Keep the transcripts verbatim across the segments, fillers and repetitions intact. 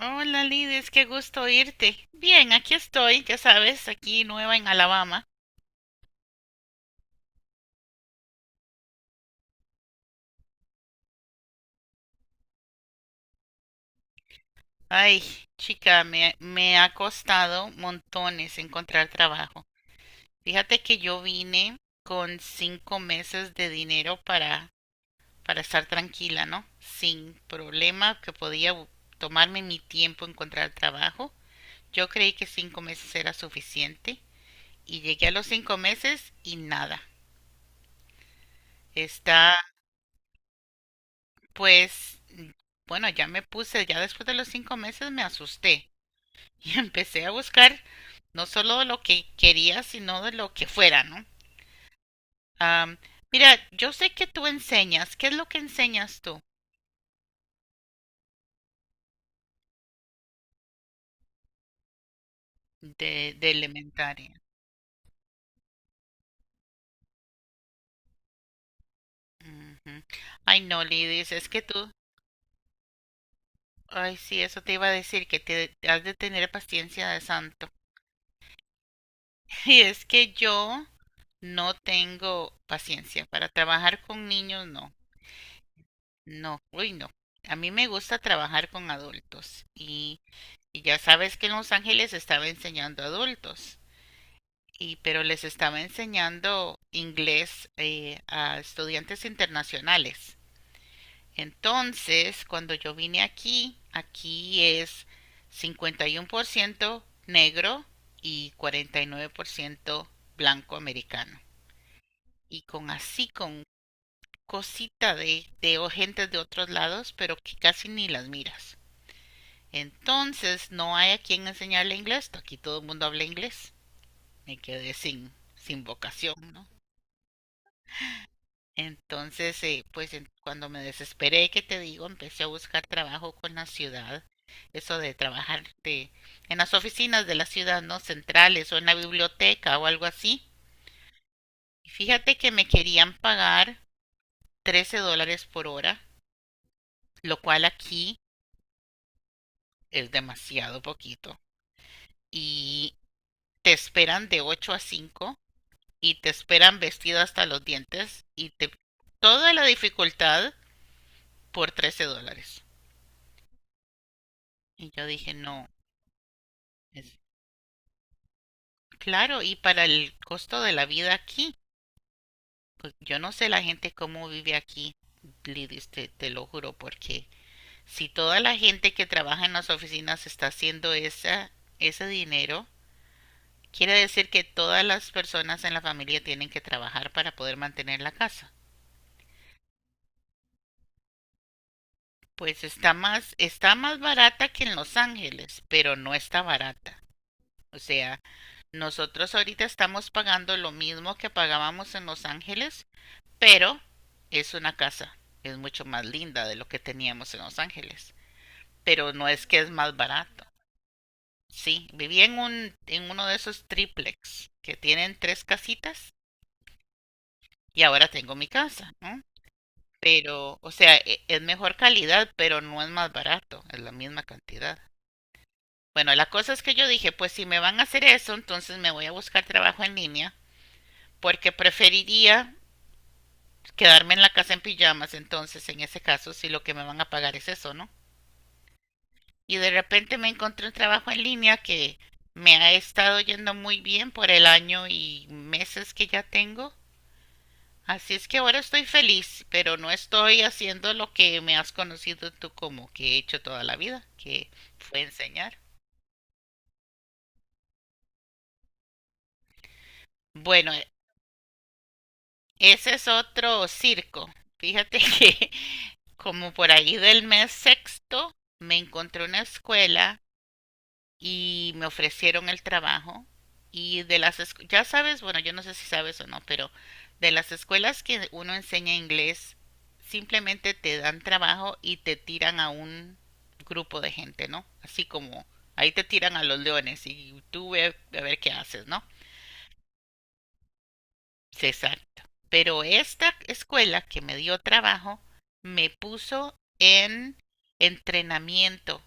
Hola Lidis, qué gusto oírte. Bien, aquí estoy, ya sabes, aquí nueva en Alabama. Ay, chica, me, me ha costado montones encontrar trabajo. Fíjate que yo vine con cinco meses de dinero para, para estar tranquila, ¿no? Sin problema, que podía bu- tomarme mi tiempo encontrar trabajo. Yo creí que cinco meses era suficiente y llegué a los cinco meses y nada. Está. Pues, mm, bueno, ya me puse, ya después de los cinco meses me asusté y empecé a buscar no solo de lo que quería, sino de lo que fuera, ¿no? Am, mira, yo sé que tú enseñas. ¿Qué es lo que enseñas tú de, de elementaria? Ujú. Ay, no, Lidis, es que tú, ay, sí, eso te iba a decir, que te has de tener paciencia de santo. Y es que yo no tengo paciencia para trabajar con niños, no. No, uy, no. A mí me gusta trabajar con adultos y, y ya sabes que en Los Ángeles estaba enseñando adultos y pero les estaba enseñando inglés eh, a estudiantes internacionales. Entonces, cuando yo vine aquí, aquí es cincuenta y uno por ciento negro y cuarenta y nueve por ciento blanco americano. Y con así, con cosita de, de o- gente de otros lados, pero que casi ni las miras. Entonces no hay a quien enseñarle inglés. Aquí todo el mundo habla inglés. Me quedé sin, sin vocación, ¿no? Entonces, eh, pues en- cuando me desesperé, que te digo, empecé a buscar trabajo con la ciudad. Eso de trabajar de- en las oficinas de la ciudad, ¿no? Centrales, o en la biblioteca o algo así. Y fíjate que me querían pagar trece dólares por hora, lo cual aquí es demasiado poquito. Y te esperan de ocho a cinco, y te esperan vestido hasta los dientes y te toda la dificultad por trece dólares. Y yo dije, no, es claro, y para el costo de la vida aquí, pues yo no sé la gente cómo vive aquí, Lidis, te, te lo juro, porque si toda la gente que trabaja en las oficinas está haciendo esa, ese dinero, quiere decir que todas las personas en la familia tienen que trabajar para poder mantener la casa. Pues está más, está más barata que en Los Ángeles, pero no está barata. O sea, nosotros ahorita estamos pagando lo mismo que pagábamos en Los Ángeles, pero es una casa, es mucho más linda de lo que teníamos en Los Ángeles. Pero no es que es más barato. Sí, viví en un, en uno de esos triplex que tienen tres casitas y ahora tengo mi casa, ¿no? Pero, o sea, e- es mejor calidad, pero no es más barato, es la misma cantidad. Bueno, la cosa es que yo dije, pues si me van a hacer eso, entonces me voy a buscar trabajo en línea, porque preferiría quedarme en la casa en pijamas, entonces en ese caso, si lo que me van a pagar es eso, ¿no? Y de repente me encontré un trabajo en línea que me ha estado yendo muy bien por el año y meses que ya tengo. Así es que ahora estoy feliz, pero no estoy haciendo lo que me has conocido tú como que he hecho toda la vida, que fue enseñar. Bueno, ese es otro circo. Fíjate que como por ahí del mes sexto me encontré una escuela y me ofrecieron el trabajo y de las escu- ya sabes, bueno, yo no sé si sabes o no, pero de las escuelas que uno enseña inglés simplemente te dan trabajo y te tiran a un grupo de gente, ¿no? Así como ahí te tiran a los leones y tú ve a ver qué haces, ¿no? Sí, exacto. Pero esta escuela que me dio trabajo me puso en entrenamiento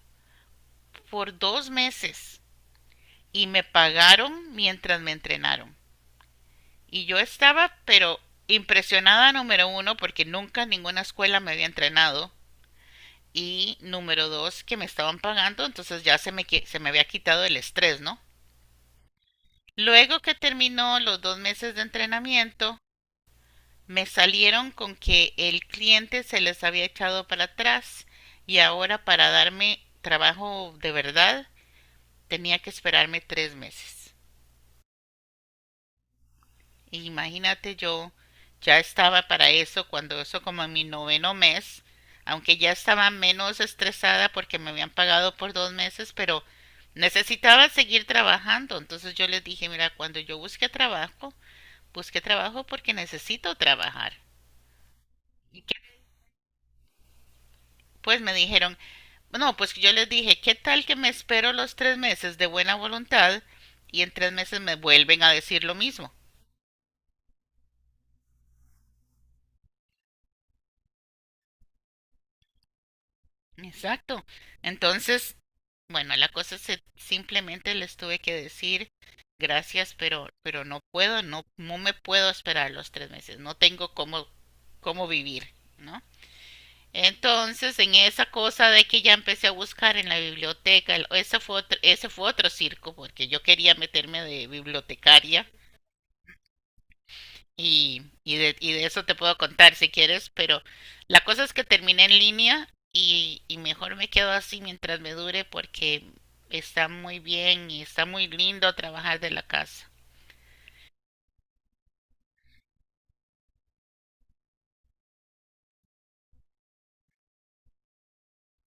por dos meses y me pagaron mientras me entrenaron. Y yo estaba, pero impresionada, número uno porque nunca ninguna escuela me había entrenado, y número dos, que me estaban pagando, entonces ya se me, qui- se me había quitado el estrés, ¿no? Luego que terminó los dos meses de entrenamiento, me salieron con que el cliente se les había echado para atrás y ahora para darme trabajo de verdad tenía que esperarme tres meses. Imagínate, yo ya estaba para eso cuando eso como en mi noveno mes, aunque ya estaba menos estresada porque me habían pagado por dos meses, pero necesitaba seguir trabajando. Entonces yo les dije, mira, cuando yo busque trabajo, busque trabajo porque necesito trabajar. Pues me dijeron, no, pues yo les dije, ¿qué tal que me espero los tres meses de buena voluntad y en tres meses me vuelven a decir lo mismo? Exacto. Entonces, bueno, la cosa es eh, simplemente les tuve que decir gracias, pero, pero no puedo, no, no me puedo esperar los tres meses, no tengo cómo, cómo vivir, ¿no? Entonces, en esa cosa de que ya empecé a buscar en la biblioteca, el- ese fue otro, ese fue otro circo, porque yo quería meterme de bibliotecaria. Y, y, de, y de eso te puedo contar si quieres, pero la cosa es que terminé en línea y, y mejor me quedo así mientras me dure, porque está muy bien y está muy lindo trabajar de la casa.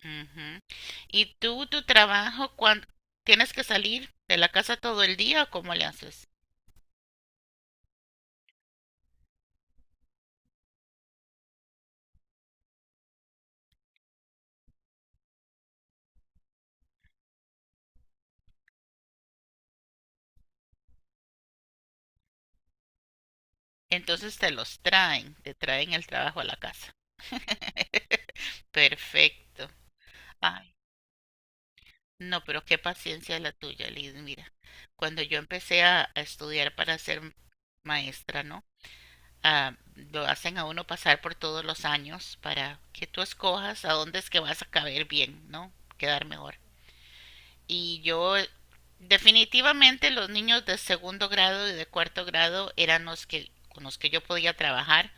Ujú. ¿Y tú, tu trabajo, cuando tienes que salir de la casa todo el día o cómo le haces? Entonces te los traen, te traen el trabajo a la casa. Perfecto. Ay, no, pero qué paciencia la tuya, Liz. Mira, cuando yo empecé a, a estudiar para ser maestra, ¿no? Ah, lo hacen a uno pasar por todos los años para que tú escojas a dónde es que vas a caber bien, ¿no? Quedar mejor. Y yo, eh, definitivamente, los niños de segundo grado y de cuarto grado eran los que con los que yo podía trabajar.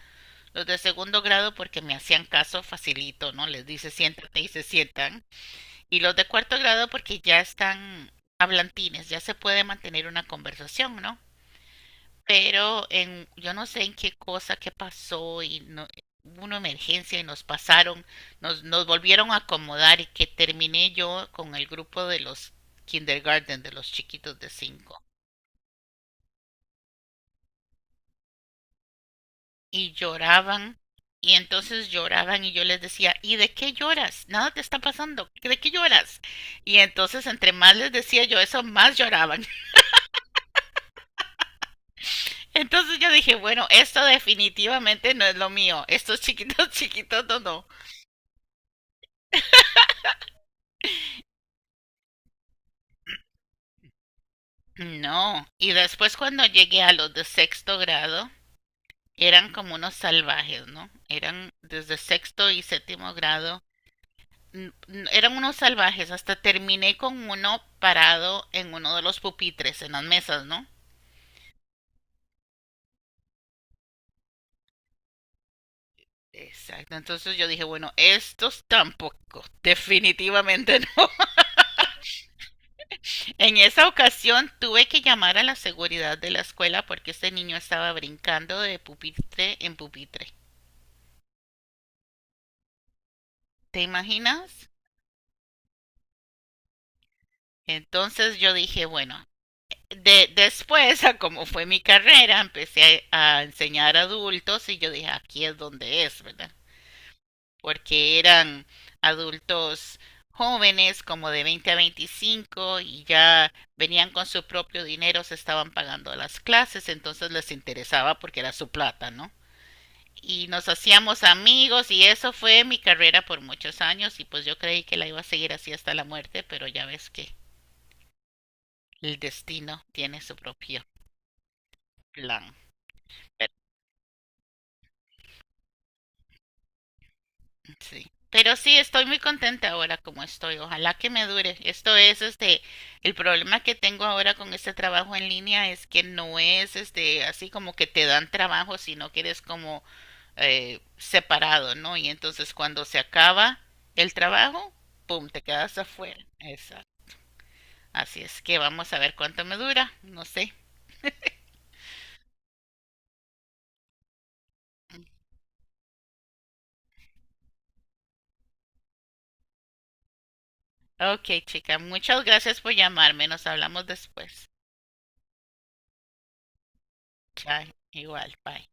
Los de segundo grado porque me hacían caso facilito, ¿no? Les dice siéntate y se sientan. Y los de cuarto grado porque ya están hablantines, ya se puede mantener una conversación, ¿no? Pero en, yo no sé en qué cosa, qué pasó y no, hubo una emergencia y nos pasaron, nos, nos volvieron a acomodar y que terminé yo con el grupo de los kindergarten, de los chiquitos de cinco. Y lloraban, y entonces lloraban y yo les decía, ¿y de qué lloras? Nada te está pasando, ¿de qué lloras? Y entonces entre más les decía yo eso, más lloraban. Entonces yo dije, bueno, esto definitivamente no es lo mío. Estos chiquitos, chiquitos, no, no. No. Y después cuando llegué a los de sexto grado, eran como unos salvajes, ¿no? Eran desde sexto y séptimo grado. Eran unos salvajes. Hasta terminé con uno parado en uno de los pupitres, en las mesas, ¿no? Exacto. Entonces yo dije, bueno, estos tampoco. Definitivamente no. En esa ocasión tuve que llamar a la seguridad de la escuela porque este niño estaba brincando de pupitre en pupitre. ¿Te imaginas? Entonces yo dije, bueno, de, después, a como fue mi carrera, empecé a, a enseñar adultos y yo dije, aquí es donde es, ¿verdad? Porque eran adultos jóvenes como de veinte a veinticinco y ya venían con su propio dinero, se estaban pagando las clases, entonces les interesaba porque era su plata, ¿no? Y nos hacíamos amigos y eso fue mi carrera por muchos años y pues yo creí que la iba a seguir así hasta la muerte, pero ya ves que el destino tiene su propio plan. Pero sí. Pero sí, estoy muy contenta ahora como estoy. Ojalá que me dure. Esto es, este, el problema que tengo ahora con este trabajo en línea es que no es, este, así como que te dan trabajo, sino que eres como eh, separado, ¿no? Y entonces cuando se acaba el trabajo, pum, te quedas afuera. Exacto. Así es que vamos a ver cuánto me dura. No sé. Ok, chica, muchas gracias por llamarme. Nos hablamos después. Chao. Igual, bye.